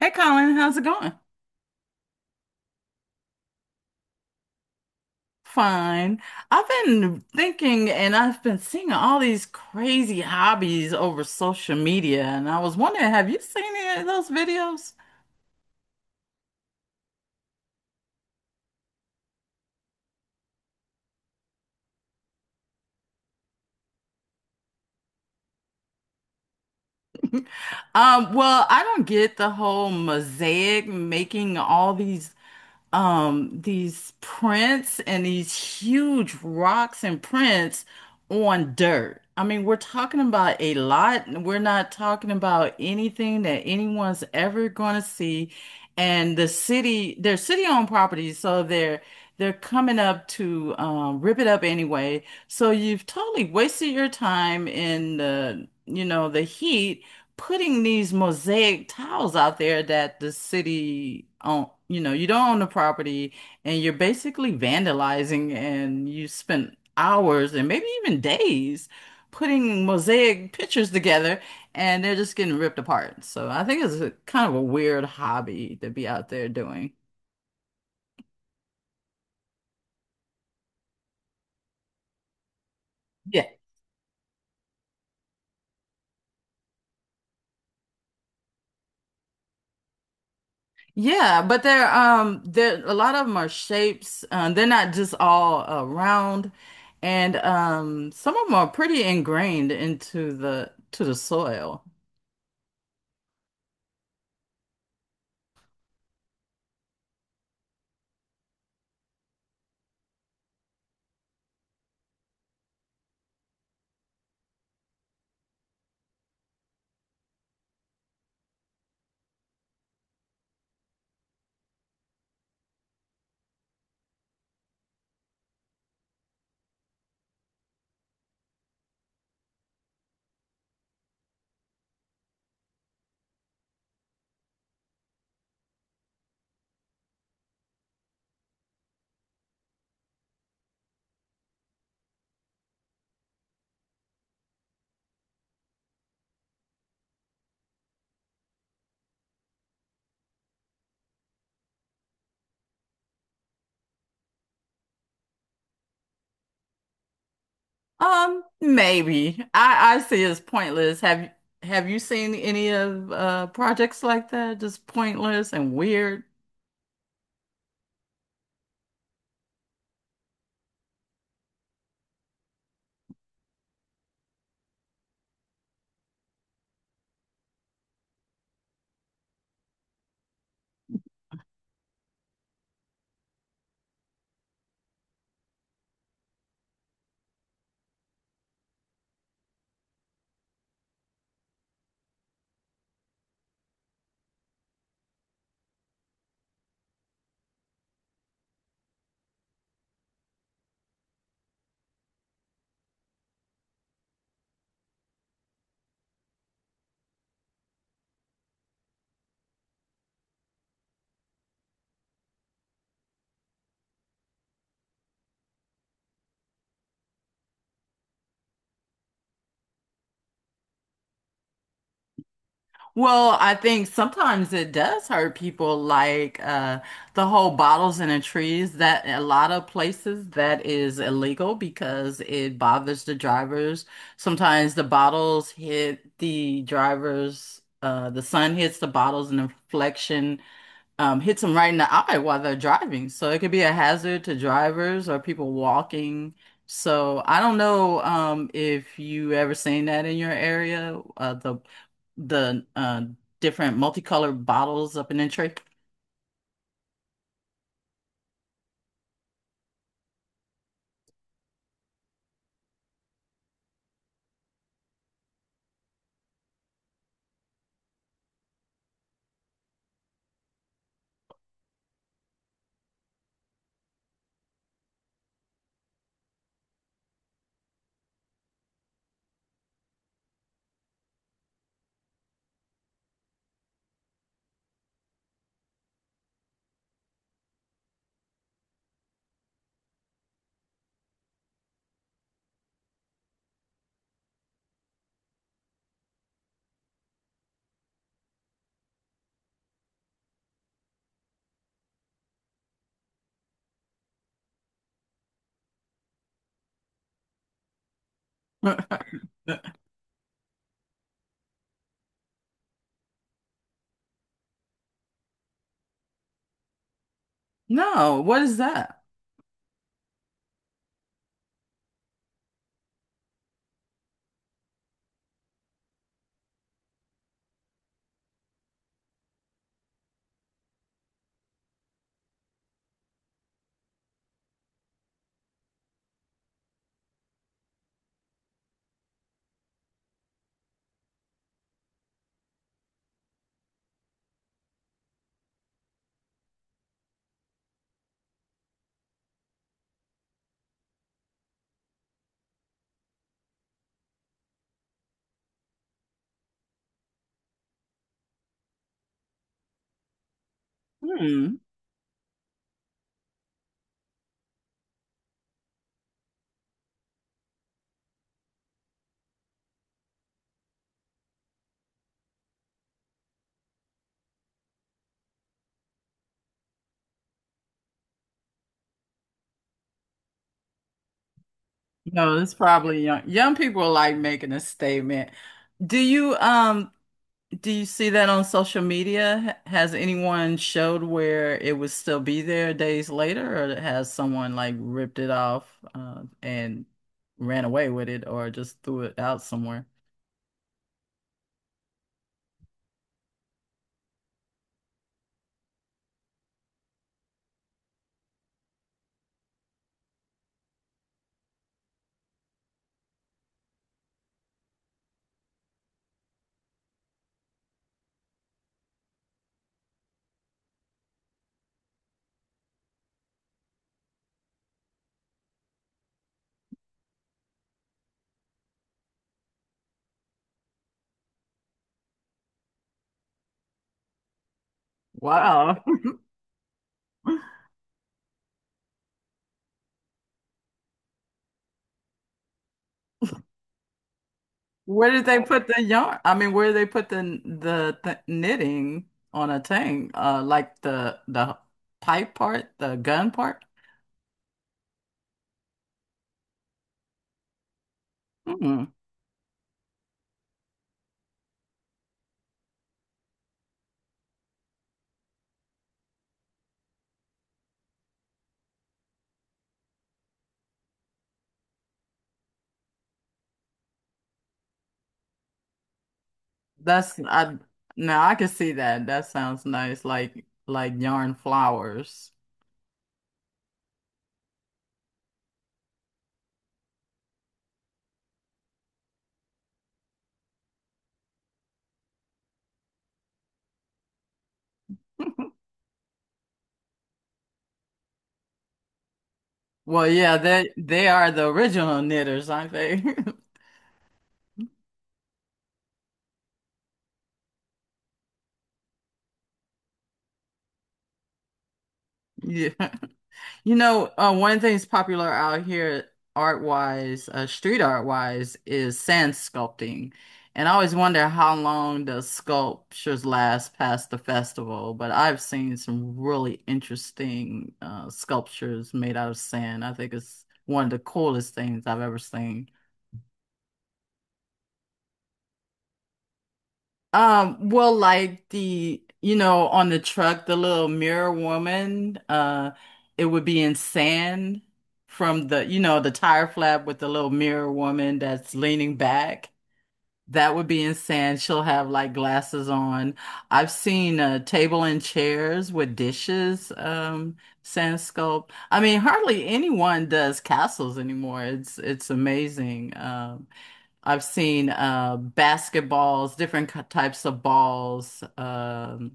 Hey Colin, how's it going? Fine. I've been thinking and I've been seeing all these crazy hobbies over social media, and I was wondering, have you seen any of those videos? I don't get the whole mosaic making all these prints and these huge rocks and prints on dirt. I mean, we're talking about a lot. We're not talking about anything that anyone's ever going to see. And the city, they're city-owned properties, so they're coming up to rip it up anyway. So you've totally wasted your time in the heat putting these mosaic tiles out there that the city own, you don't own the property and you're basically vandalizing and you spent hours and maybe even days putting mosaic pictures together and they're just getting ripped apart. So I think it's a kind of a weird hobby to be out there doing. Yeah, but they're a lot of them are shapes. They're not just all round, and some of them are pretty ingrained into the soil. Maybe I see it as pointless. Have you seen any of projects like that? Just pointless and weird. Well, I think sometimes it does hurt people, like, the whole bottles in the trees. That a lot of places that is illegal because it bothers the drivers. Sometimes the bottles hit the drivers. The sun hits the bottles and the reflection hits them right in the eye while they're driving. So it could be a hazard to drivers or people walking. So I don't know, if you ever seen that in your area, the different multicolored bottles up in the tree. No, what is that? Hmm. No, it's probably young. Young people like making a statement. Do you um Do you see that on social media? Has anyone showed where it would still be there days later, or has someone like ripped it off, and ran away with it, or just threw it out somewhere? Wow. Where did they put the yarn? I mean, where did they put the th knitting on a thing? Like the pipe part, the gun part? Hmm. That's I Now I can see that. That sounds nice, like yarn flowers. Well, yeah, they are the original knitters, aren't they? Yeah. You know, one of the things popular out here art wise, street art wise, is sand sculpting. And I always wonder how long the sculptures last past the festival, but I've seen some really interesting sculptures made out of sand. I think it's one of the coolest things I've ever seen. Well, like, the, you know, on the truck, the little mirror woman, it would be in sand from, the, you know, the tire flap with the little mirror woman that's leaning back. That would be in sand. She'll have like glasses on. I've seen a table and chairs with dishes, sand sculpt. I mean, hardly anyone does castles anymore. It's amazing. I've seen, basketballs, different types of balls.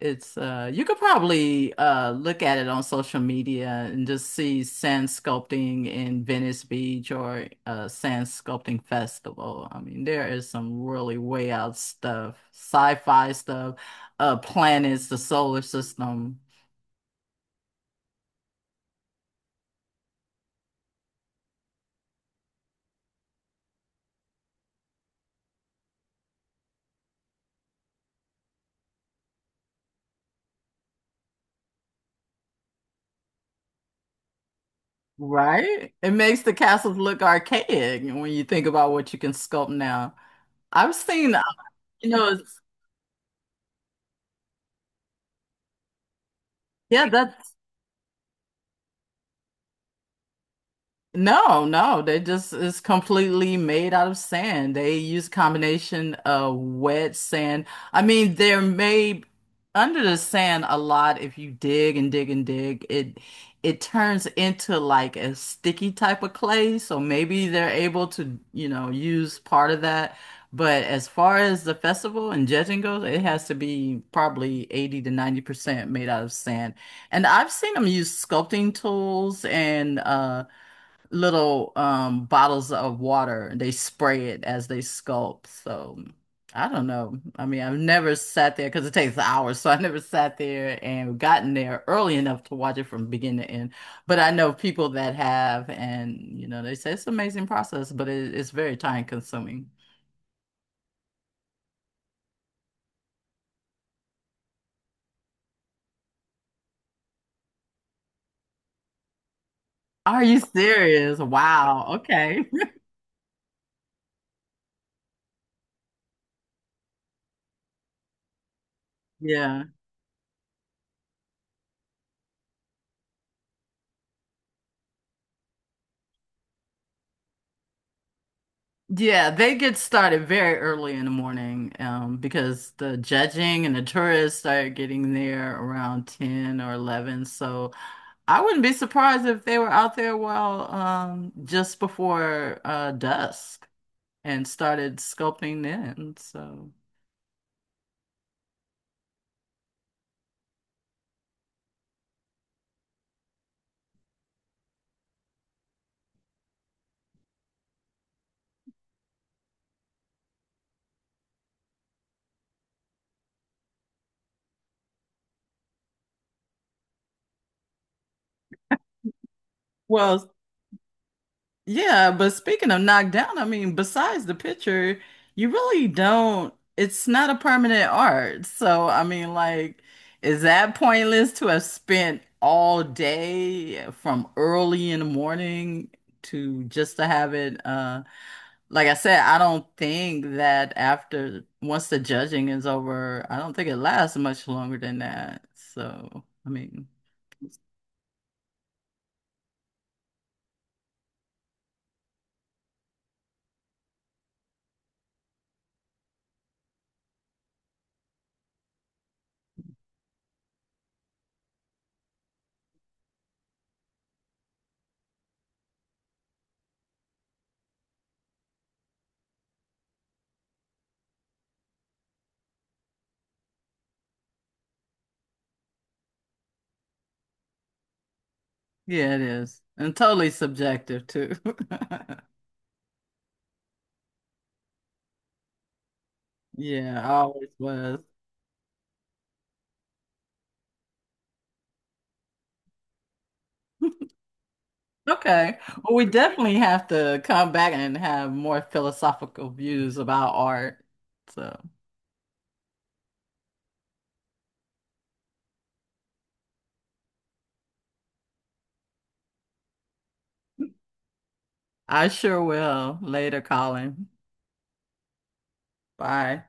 It's You could probably, look at it on social media and just see sand sculpting in Venice Beach or sand sculpting festival. I mean, there is some really way out stuff, sci-fi stuff, planets, the solar system. Right? It makes the castles look archaic when you think about what you can sculpt now. I've seen, you know, it's- yeah, that no, no, they just it's completely made out of sand. They use combination of wet sand. I mean, they're made under the sand a lot. If you dig and dig and dig, it turns into like a sticky type of clay. So maybe they're able to, you know, use part of that. But as far as the festival and judging goes, it has to be probably 80 to 90% made out of sand. And I've seen them use sculpting tools and little bottles of water and they spray it as they sculpt. So I don't know. I mean, I've never sat there because it takes hours, so I never sat there and gotten there early enough to watch it from beginning to end. But I know people that have, and you know, they say it's an amazing process, but it, it's very time consuming. Are you serious? Wow. Okay. Yeah. Yeah, they get started very early in the morning, because the judging and the tourists start getting there around 10 or 11. So I wouldn't be surprised if they were out there while, just before, dusk and started sculpting in. So well, yeah, but speaking of knocked down, I mean, besides the picture, you really don't, it's not a permanent art. So, I mean, like, is that pointless to have spent all day from early in the morning to just to have it? Like I said, I don't think that after once the judging is over, I don't think it lasts much longer than that. So, I mean, yeah, it is. And totally subjective too. Yeah, I always was. Okay. Well, we definitely have to come back and have more philosophical views about art. So I sure will later, Colin. Bye.